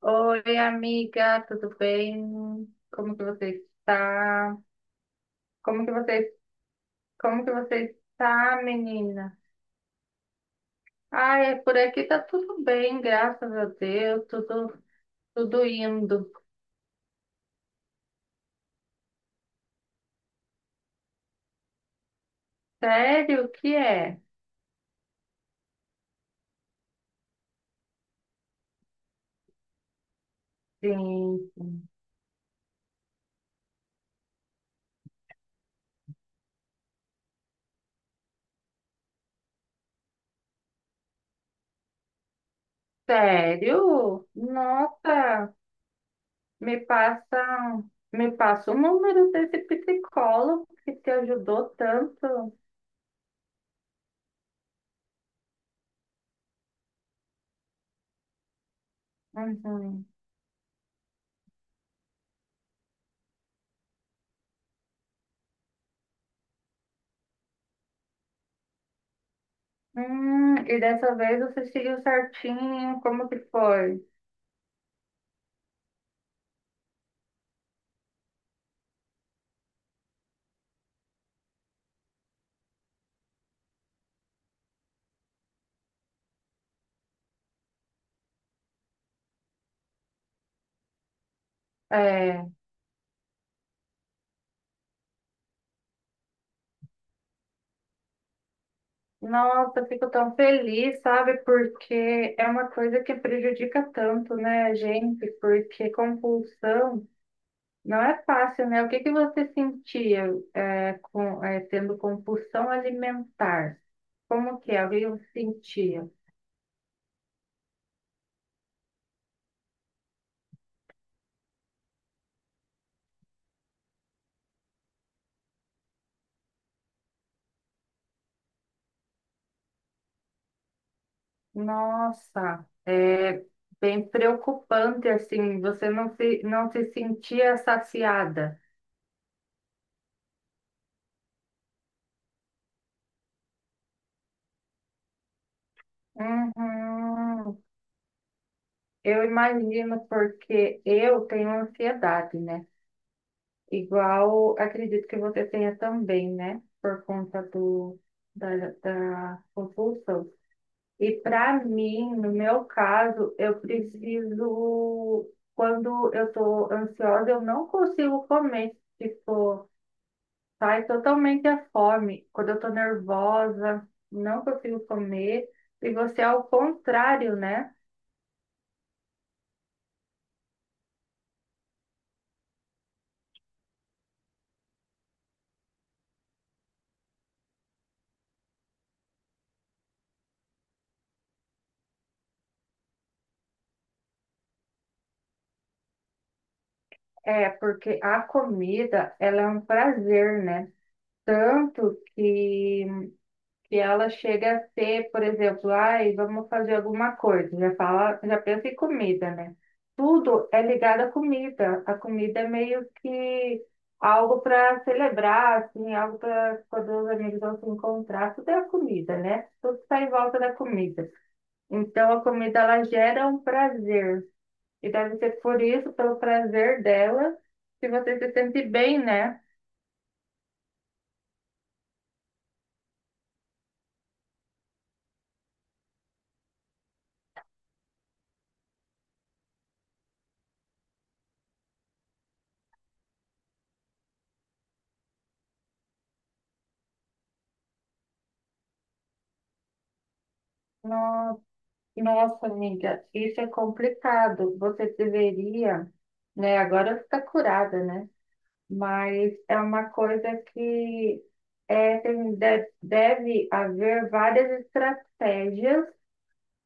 Oi, amiga, tudo bem? Como que você está? Como que você, como que você está, menina? Ai, é por aqui tá tudo bem, graças a Deus, tudo, tudo indo. Sério, o que é? Sim, sério? Nossa, me passa, me passa o número desse psicólogo que te ajudou tanto. Uhum. E dessa vez você seguiu certinho, como que foi? É, nossa, eu fico tão feliz, sabe? Porque é uma coisa que prejudica tanto, né, a gente? Porque compulsão não é fácil, né? O que que você sentia, tendo compulsão alimentar? Como que é? O que eu sentia? Nossa, é bem preocupante, assim, você não se sentia saciada. Uhum. Eu imagino porque eu tenho ansiedade, né? Igual acredito que você tenha também, né? Por conta da, da compulsão. E para mim, no meu caso, quando eu estou ansiosa, eu não consigo comer. Tipo, sai totalmente a fome. Quando eu estou nervosa, não consigo comer. E você é o contrário, né? É, porque a comida, ela é um prazer, né? Tanto que ela chega a ser, por exemplo, ai, vamos fazer alguma coisa, já fala, já pensa em comida, né? Tudo é ligado à comida. A comida é meio que algo para celebrar, assim, algo para quando os amigos vão se encontrar, tudo é a comida, né? Tudo está em volta da comida. Então a comida ela gera um prazer. E deve ser por isso, pelo prazer dela, que você se sente bem, né? No, Nossa, amiga, isso é complicado. Você deveria, né? Agora está curada, né? Mas é uma coisa que deve haver várias estratégias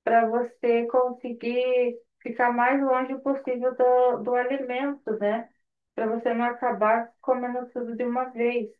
para você conseguir ficar mais longe possível do alimento, né? Para você não acabar comendo tudo de uma vez.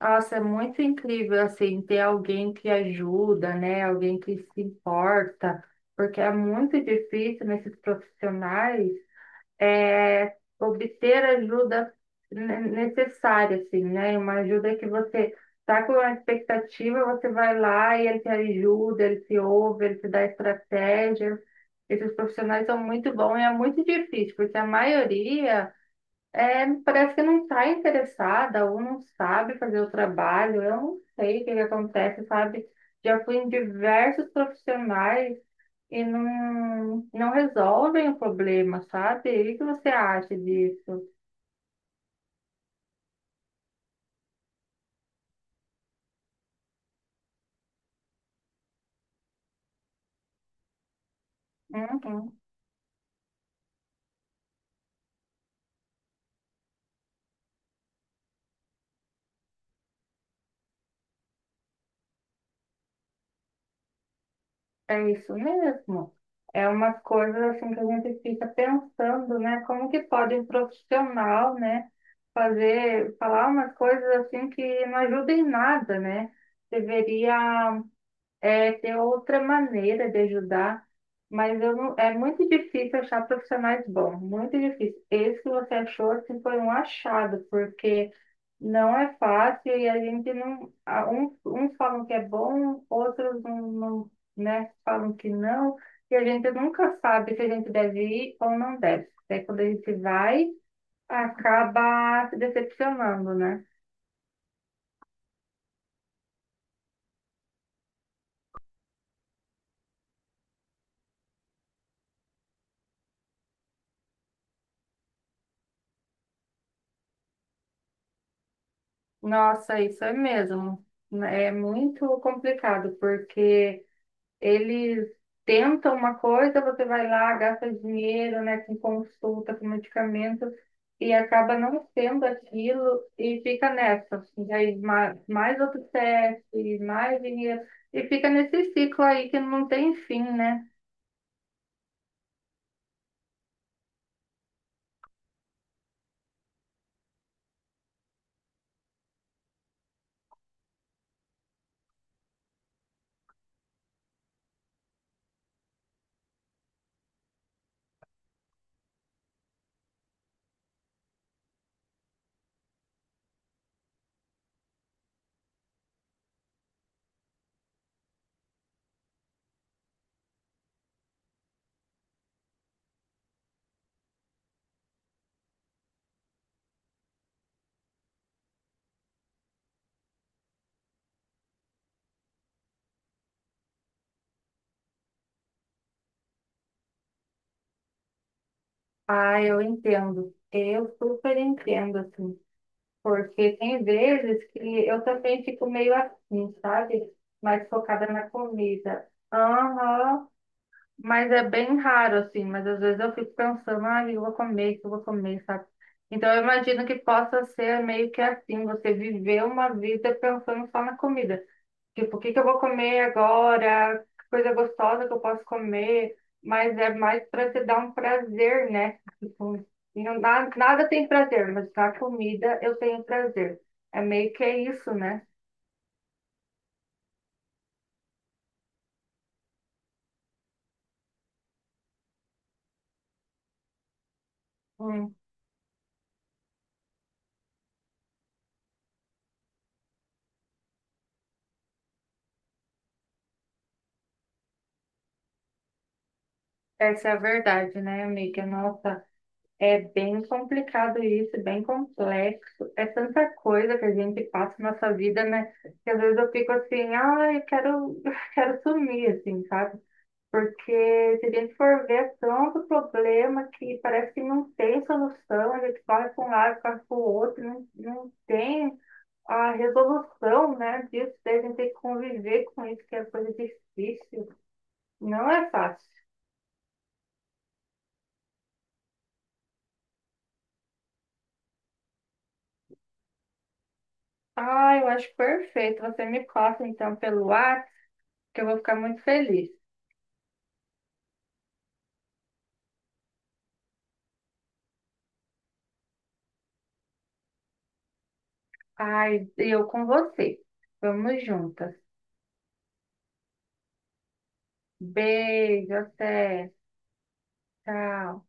Nossa, é muito incrível assim ter alguém que ajuda, né? Alguém que se importa, porque é muito difícil nesses profissionais obter a ajuda necessária, assim, né? Uma ajuda que você está com uma expectativa, você vai lá e ele te ajuda, ele te ouve, ele te dá estratégia. Esses profissionais são muito bons e é muito difícil, porque a maioria parece que não está interessada ou não sabe fazer o trabalho. Eu não sei o que que acontece, sabe? Já fui em diversos profissionais e não resolvem o problema, sabe? E o que você acha disso? Uhum, é isso mesmo. É umas coisas assim que a gente fica pensando, né? Como que pode um profissional, né, falar umas coisas assim que não ajudam em nada, né? Deveria ter outra maneira de ajudar, mas eu não, é muito difícil achar profissionais bons, muito difícil. Esse que você achou assim, foi um achado, porque não é fácil e a gente não. a- uns falam que é bom, outros né, falam que não, e a gente nunca sabe se a gente deve ir ou não deve. Até quando a gente vai, acaba se decepcionando, né? Nossa, isso é mesmo. É muito complicado, porque. Eles tentam uma coisa, você vai lá, gasta dinheiro, né, com consulta, com medicamento, e acaba não sendo aquilo e fica nessa. E aí mais outro teste, mais dinheiro, e fica nesse ciclo aí que não tem fim, né? Ah, eu entendo. Eu super entendo, assim. Porque tem vezes que eu também fico meio assim, sabe? Mais focada na comida. Aham. Mas é bem raro, assim, mas às vezes eu fico pensando, ah, o que eu vou comer, sabe? Então eu imagino que possa ser meio que assim, você viver uma vida pensando só na comida. Tipo, o que que eu vou comer agora? Que coisa gostosa que eu posso comer? Mas é mais para te dar um prazer, né? Tipo, nada tem prazer, mas na comida eu tenho prazer. É meio que é isso, né? Hum, essa é a verdade, né, amiga? Nossa. É bem complicado isso, é bem complexo. É tanta coisa que a gente passa na nossa vida, né? Que às vezes eu fico assim, ah, eu quero, quero sumir, assim, sabe? Porque se a gente for ver é tanto problema que parece que não tem solução, a gente corre para um lado, corre para o outro, não tem a resolução, né, disso, daí a gente tem que conviver com isso, que é coisa difícil. Não é fácil. Ah, eu acho perfeito. Você me passa então pelo WhatsApp que eu vou ficar muito feliz. Ai, e eu com você. Vamos juntas. Beijo, até. Tchau.